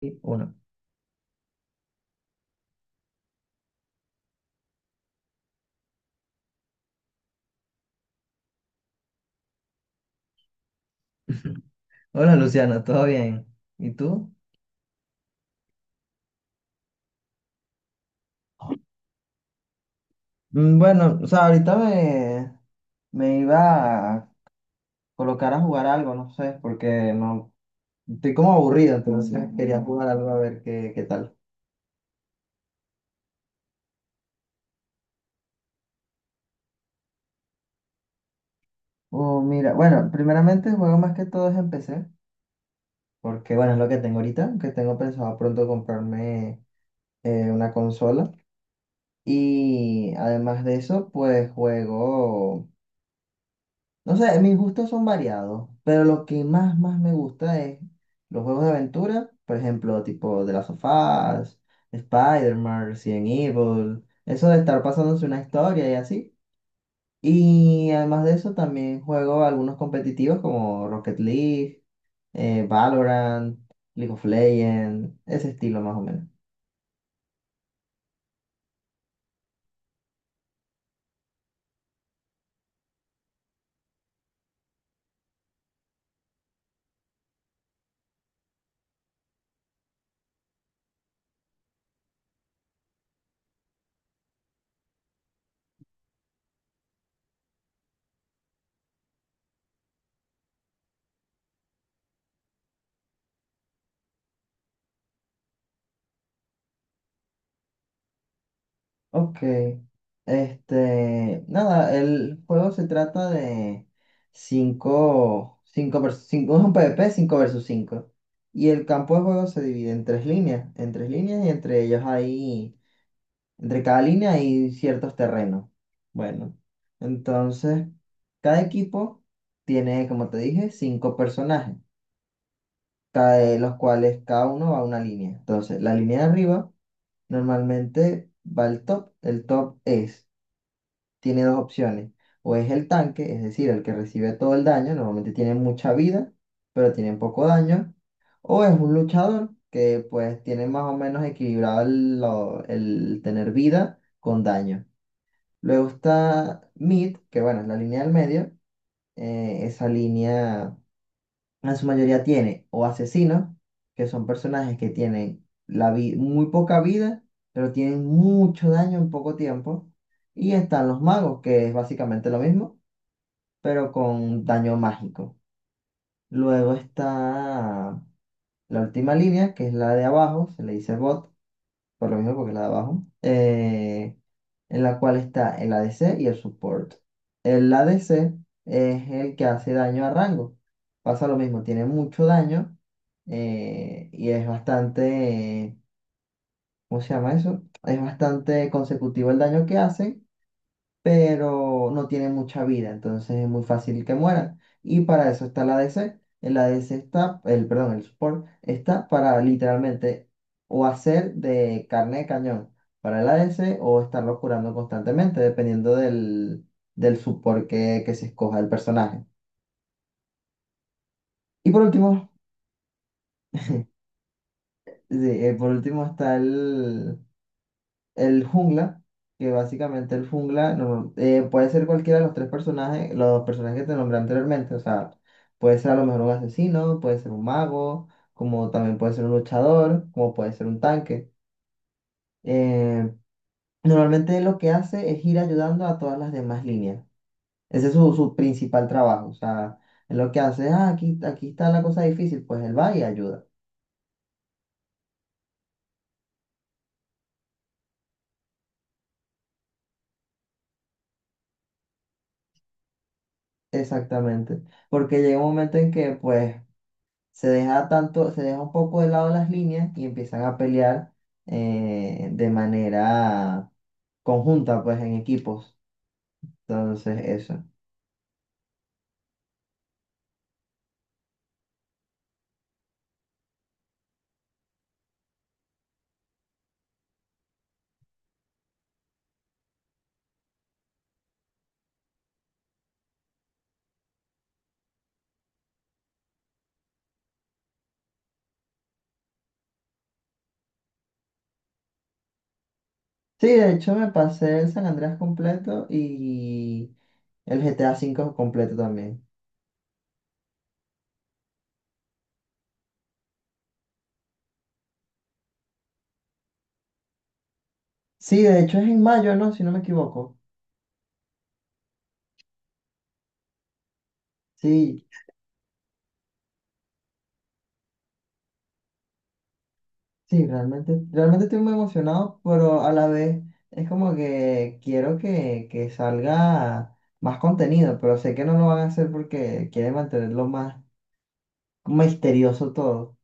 Y Uno. Hola Luciana, ¿todo bien? ¿Y tú? Bueno, o sea, ahorita me iba a colocar a jugar algo, no sé, porque no estoy como aburrido, entonces quería jugar algo a ver qué tal. Oh, mira, bueno, primeramente juego más que todo es en PC, porque bueno, es lo que tengo ahorita, que tengo pensado pronto comprarme una consola. Y además de eso, pues juego. No sé, mis gustos son variados, pero lo que más me gusta es los juegos de aventura, por ejemplo, tipo The Last of Us, Spider-Man, Resident Evil, eso de estar pasándose una historia y así. Y además de eso, también juego algunos competitivos como Rocket League, Valorant, League of Legends, ese estilo más o menos. Ok, este, nada, el juego se trata de cinco versus cinco, es un PvP 5 versus cinco. Y el campo de juego se divide en tres líneas, y entre ellos hay, entre cada línea hay ciertos terrenos. Bueno, entonces, cada equipo tiene, como te dije, cinco personajes, cada de los cuales cada uno va a una línea. Entonces, la línea de arriba normalmente va al top, el top es, tiene dos opciones. O es el tanque, es decir, el que recibe todo el daño, normalmente tiene mucha vida, pero tiene poco daño. O es un luchador que pues tiene más o menos equilibrado el tener vida con daño. Luego está Mid, que bueno, es la línea del medio. Esa línea en su mayoría tiene o asesinos, que son personajes que tienen muy poca vida, pero tienen mucho daño en poco tiempo. Y están los magos, que es básicamente lo mismo, pero con daño mágico. Luego está la última línea, que es la de abajo, se le dice bot, por lo mismo, porque es la de abajo. En la cual está el ADC y el support. El ADC es el que hace daño a rango. Pasa lo mismo, tiene mucho daño, y es bastante, eh, ¿cómo se llama eso? Es bastante consecutivo el daño que hace, pero no tiene mucha vida, entonces es muy fácil que mueran. Y para eso está el ADC. El support está para literalmente o hacer de carne de cañón para el ADC, o estarlo curando constantemente, dependiendo del support que se escoja el personaje. Y por último, sí, por último está el jungla, que básicamente el jungla puede ser cualquiera de los tres personajes, los personajes que te nombré anteriormente. O sea, puede ser a lo mejor un asesino, puede ser un mago, como también puede ser un luchador, como puede ser un tanque. Eh, Normalmente lo que hace es ir ayudando a todas las demás líneas. Ese es su principal trabajo. O sea, es lo que hace, ah, aquí está la cosa difícil, pues él va y ayuda. Exactamente. Porque llega un momento en que, pues, se deja un poco de lado las líneas y empiezan a pelear de manera conjunta, pues en equipos. Entonces, eso. Sí, de hecho me pasé el San Andreas completo y el GTA 5 completo también. Sí, de hecho es en mayo, ¿no? Si no me equivoco. Sí, sí, realmente estoy muy emocionado, pero a la vez es como que quiero que salga más contenido, pero sé que no lo van a hacer porque quieren mantenerlo más misterioso todo.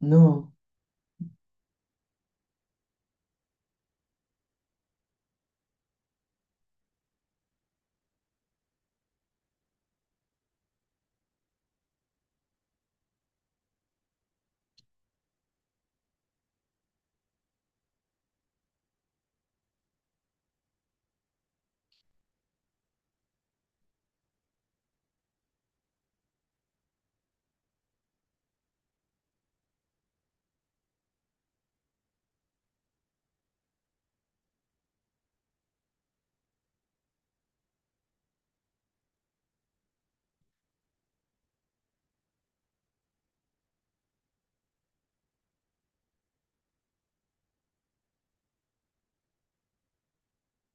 No,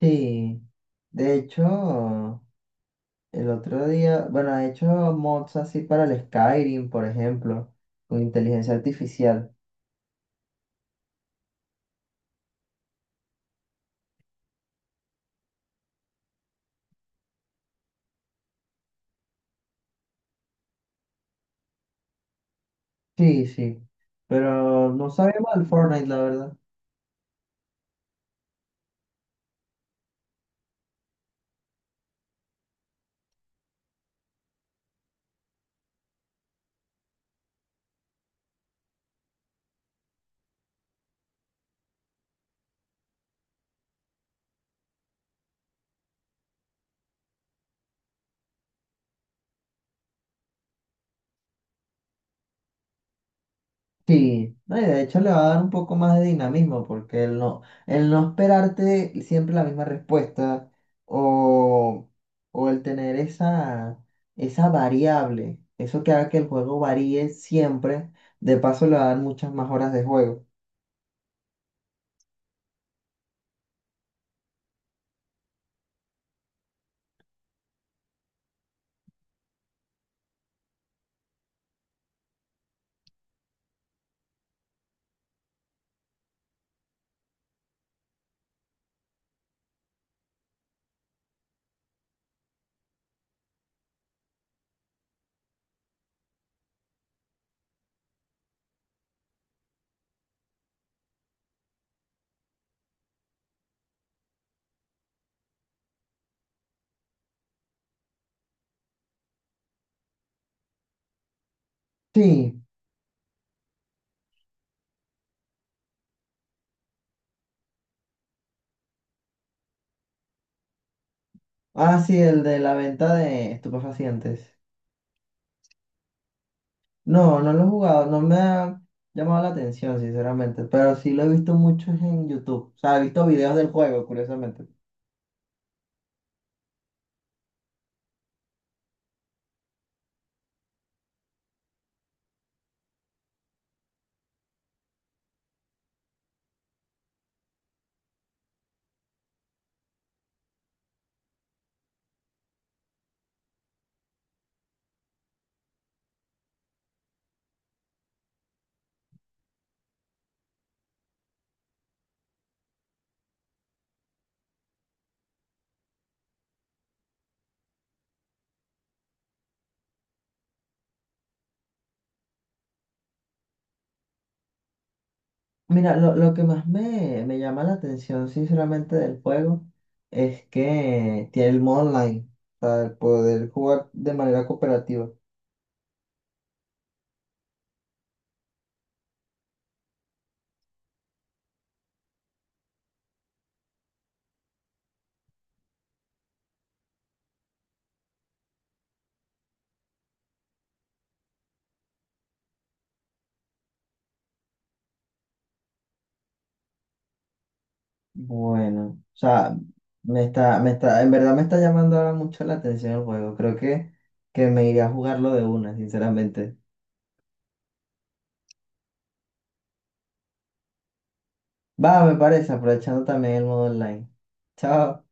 sí. De hecho, el otro día, bueno, he hecho mods así para el Skyrim, por ejemplo, con inteligencia artificial. Sí, sí. Pero no sabía mal Fortnite, la verdad. Sí, no, y de hecho le va a dar un poco más de dinamismo porque el no esperarte siempre la misma respuesta, o, o el tener esa variable, eso que haga que el juego varíe siempre, de paso le va a dar muchas más horas de juego. Sí, ah, sí, el de la venta de estupefacientes. No, no lo he jugado, no me ha llamado la atención, sinceramente, pero sí lo he visto mucho en YouTube, o sea, he visto videos del juego, curiosamente. Mira, lo que más me llama la atención, sinceramente, del juego es que tiene el modo online para poder jugar de manera cooperativa. Bueno, o sea, en verdad me está llamando ahora mucho la atención el juego. Creo que me iré a jugarlo de una, sinceramente. Va, me parece, aprovechando también el modo online. Chao.